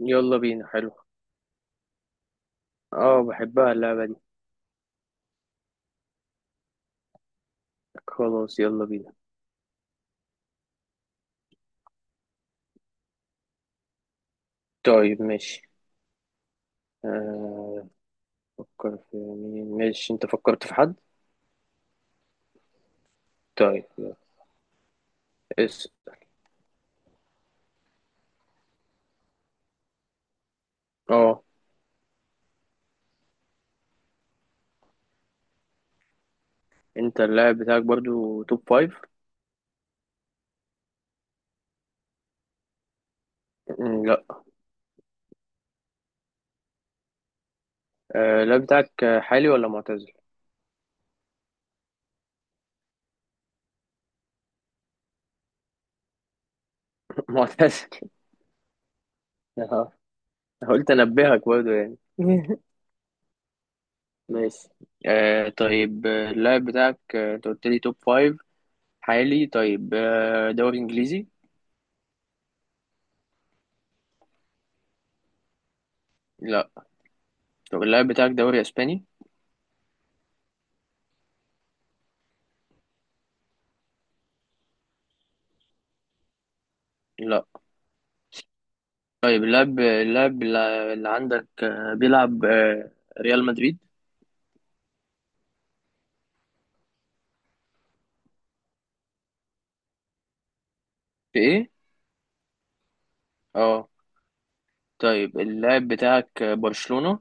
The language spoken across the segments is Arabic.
يلا بينا. حلو. اه، بحبها اللعبة دي. خلاص، يلا بينا. طيب ماشي. آه، فكر في مين؟ ماشي، انت فكرت في حد؟ طيب يلا. اس اه، انت اللاعب بتاعك برضو توب فايف؟ لا. اللاعب بتاعك حالي ولا معتزل؟ معتزل. آه، قلت انبهك برضو يعني. ماشي. طيب اللاعب بتاعك انت قلت لي توب فايف حالي، طيب دوري انجليزي؟ لا. طب اللاعب بتاعك دوري اسباني؟ لا. طيب اللاعب اللي عندك بيلعب ريال مدريد؟ في ايه؟ اه. طيب اللاعب بتاعك برشلونة؟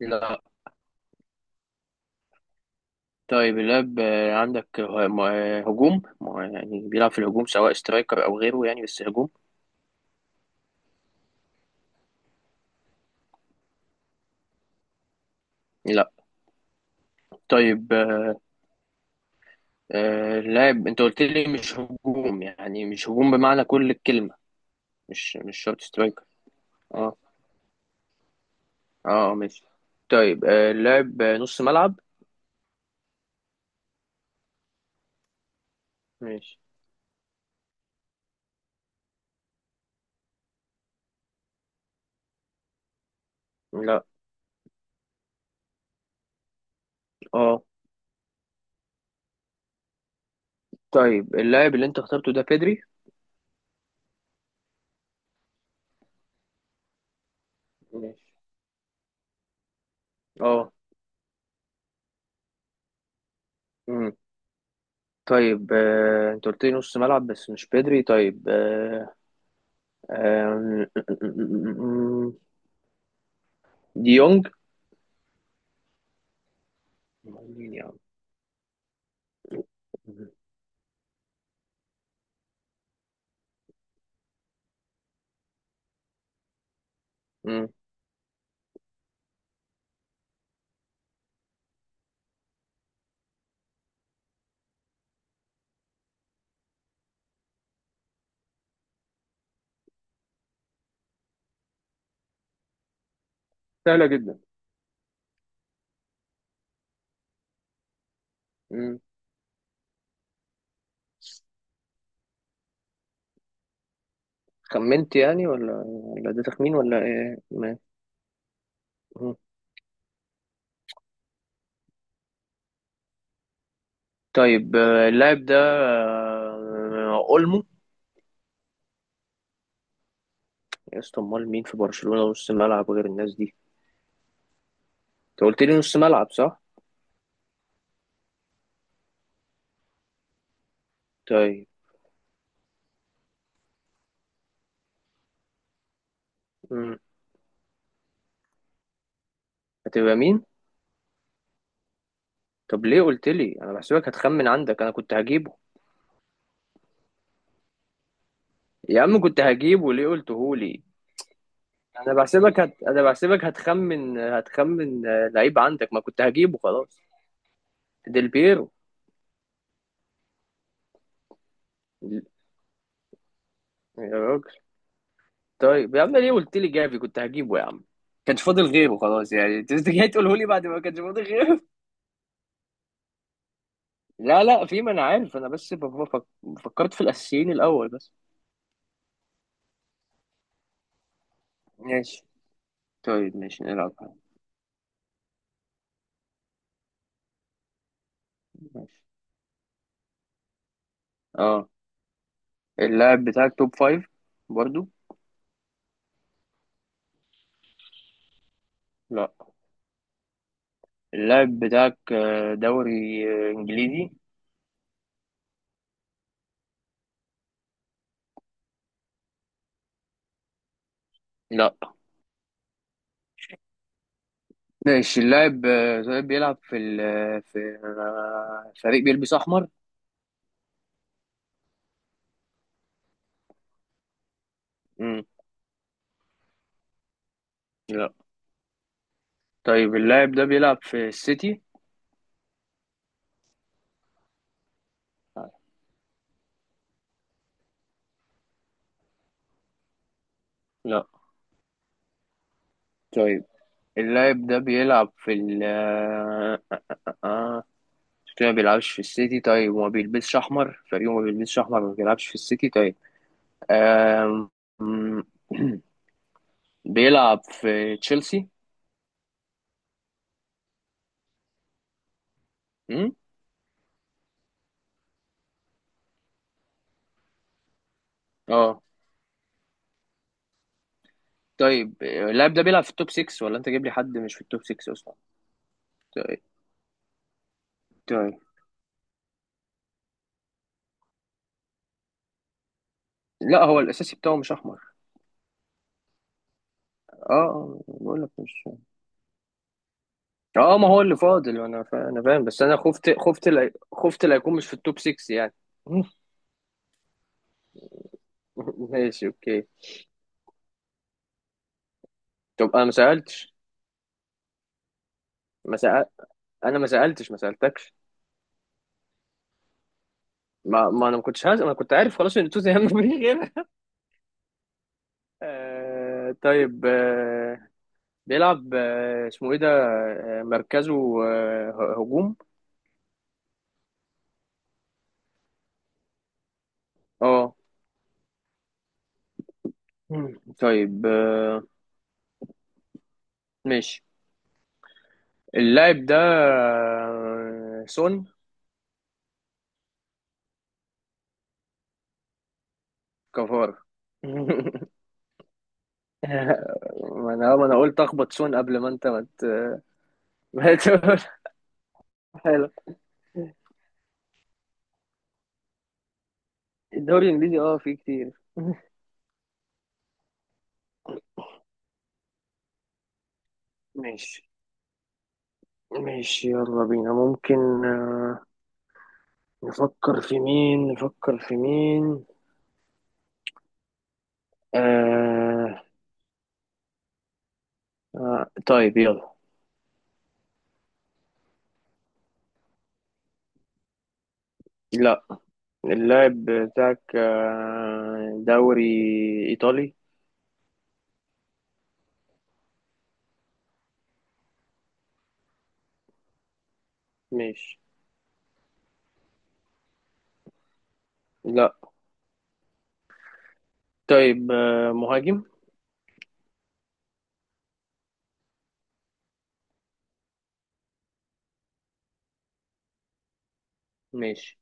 لا. طيب اللاعب عندك هجوم، يعني بيلعب في الهجوم، سواء سترايكر او غيره يعني، بس هجوم؟ لا. طيب اللاعب انت قلت لي مش هجوم، يعني مش هجوم بمعنى كل الكلمة؟ مش شرط سترايكر. اه. اه ماشي. طيب اللاعب نص ملعب؟ ماشي. لا. اه. طيب اللاعب اللي انت اخترته ده بيدري؟ ماشي. اه. امم طيب انت قلت لي نص ملعب بس مش بيدري. طيب آه، آم، ديونج؟ مين يا عم؟ مم. امم سهلة جدا. امم خمنت يعني، ولا ده تخمين، ولا ايه؟ مم. طيب اللاعب ده اولمو؟ يا اسطى، امال مين في برشلونة نص ملعب غير الناس دي؟ انت قلت لي نص ملعب، صح؟ طيب. امم هتبقى مين؟ طب ليه قلت لي؟ انا بحسبك هتخمن عندك، انا كنت هجيبه. يا عم كنت هجيبه، ليه قلته لي؟ انا انا بحسبك هتخمن لعيب عندك ما كنت هجيبه خلاص. ديل بيرو. يا راجل. طيب يا عم ليه قلت لي جافي، كنت هجيبه يا عم. كانش فاضل غيره خلاص، يعني انت جاي تقوله لي بعد ما كانش فاضل غيره. لا لا، في، ما انا عارف، انا بس بفكر. فكرت في الاساسيين الاول بس. ماشي. طيب ماشي، نلعب. ماشي. اه. اللاعب بتاعك توب فايف برضو؟ لا. اللاعب بتاعك دوري انجليزي؟ لا. ماشي. اللاعب طيب بيلعب في في فريق بيلبس احمر؟ مم. لا. طيب اللاعب ده بيلعب في السيتي؟ لا. طيب اللاعب ده بيلعب في ال آه، آه، آه. ما بيلعبش في السيتي، طيب، وما بيلبسش احمر، فريقه ما بيلبسش احمر، ما بيلعبش في السيتي، طيب آم، مم. بيلعب في تشيلسي؟ مم؟ اه. طيب اللاعب ده بيلعب في التوب 6 ولا انت جايب لي حد مش في التوب 6 اصلا؟ طيب. طيب. لا، هو الاساسي بتاعه مش احمر. اه، بقول لك مش. اه، ما هو اللي فاضل، انا انا فاهم، بس انا خفت لا يكون مش في التوب 6 يعني. ماشي اوكي. طب انا ما سالتش. ما سأل... انا ما سالتش، ما سالتكش. ما, ما انا ما كنتش هز... انا كنت عارف خلاص ان توتنهام ما فيش غيرها. طيب بيلعب، اسمه ايه ده، مركزه هجوم؟ اه. مم. طيب ماشي. اللاعب ده سون. كفار. ما انا قلت اخبط سون قبل ما انت ما مت... ما تقول. حلو. الدوري الانجليزي اه فيه كتير. ماشي ماشي، يلا بينا. ممكن نفكر في مين، نفكر في مين؟ آه... طيب يلا. لا. اللاعب بتاعك دوري ايطالي؟ ماشي. لا. طيب مهاجم؟ ماشي.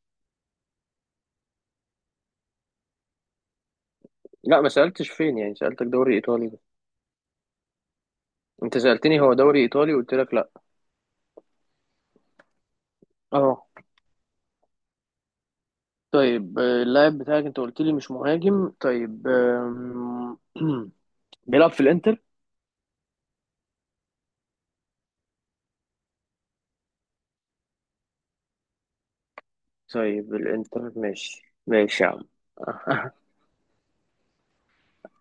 لا، ما سألتش فين، يعني سألتك دوري إيطالي ده. أنت سألتني هو دوري إيطالي، قلت لك لا. اه. طيب اللاعب بتاعك أنت قلت لي مش مهاجم، طيب بيلعب في الإنتر. طيب، الإنتر، ماشي ماشي يا عم.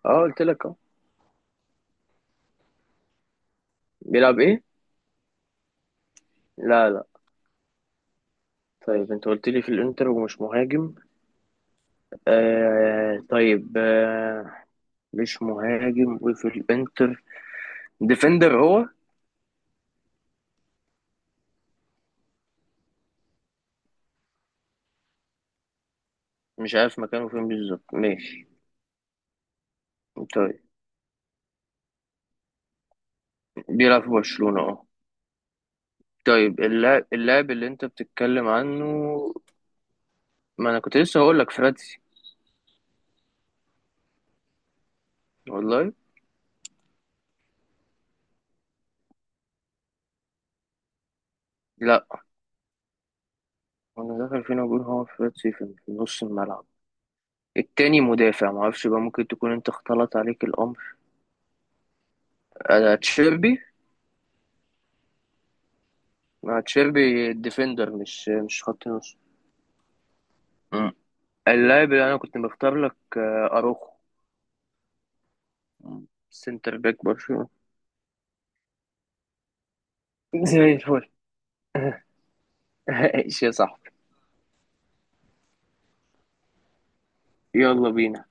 اه، قلت لك اه. بيلعب إيه؟ لا لا. طيب أنت قلت لي في الإنتر ومش مهاجم، طيب مش مهاجم وفي الإنتر، ديفندر هو؟ مش عارف مكانه فين بالظبط، ماشي. طيب بيلعب في برشلونة، اه. طيب اللاعب اللي انت بتتكلم عنه. ما انا كنت لسه هقول لك فراتسي والله. لا. انا داخل فينا بقول هو فراتسي في نص الملعب، التاني مدافع، ما اعرفش بقى، ممكن تكون انت اختلط عليك الامر. انا تشيربي. ما تشيربي ديفندر، مش خط نص. مم. اللاعب اللي انا كنت مختار لك اروخو. مم. سنتر باك برشلونة. زي الفل. ايش يا صاحبي؟ يلا بينا.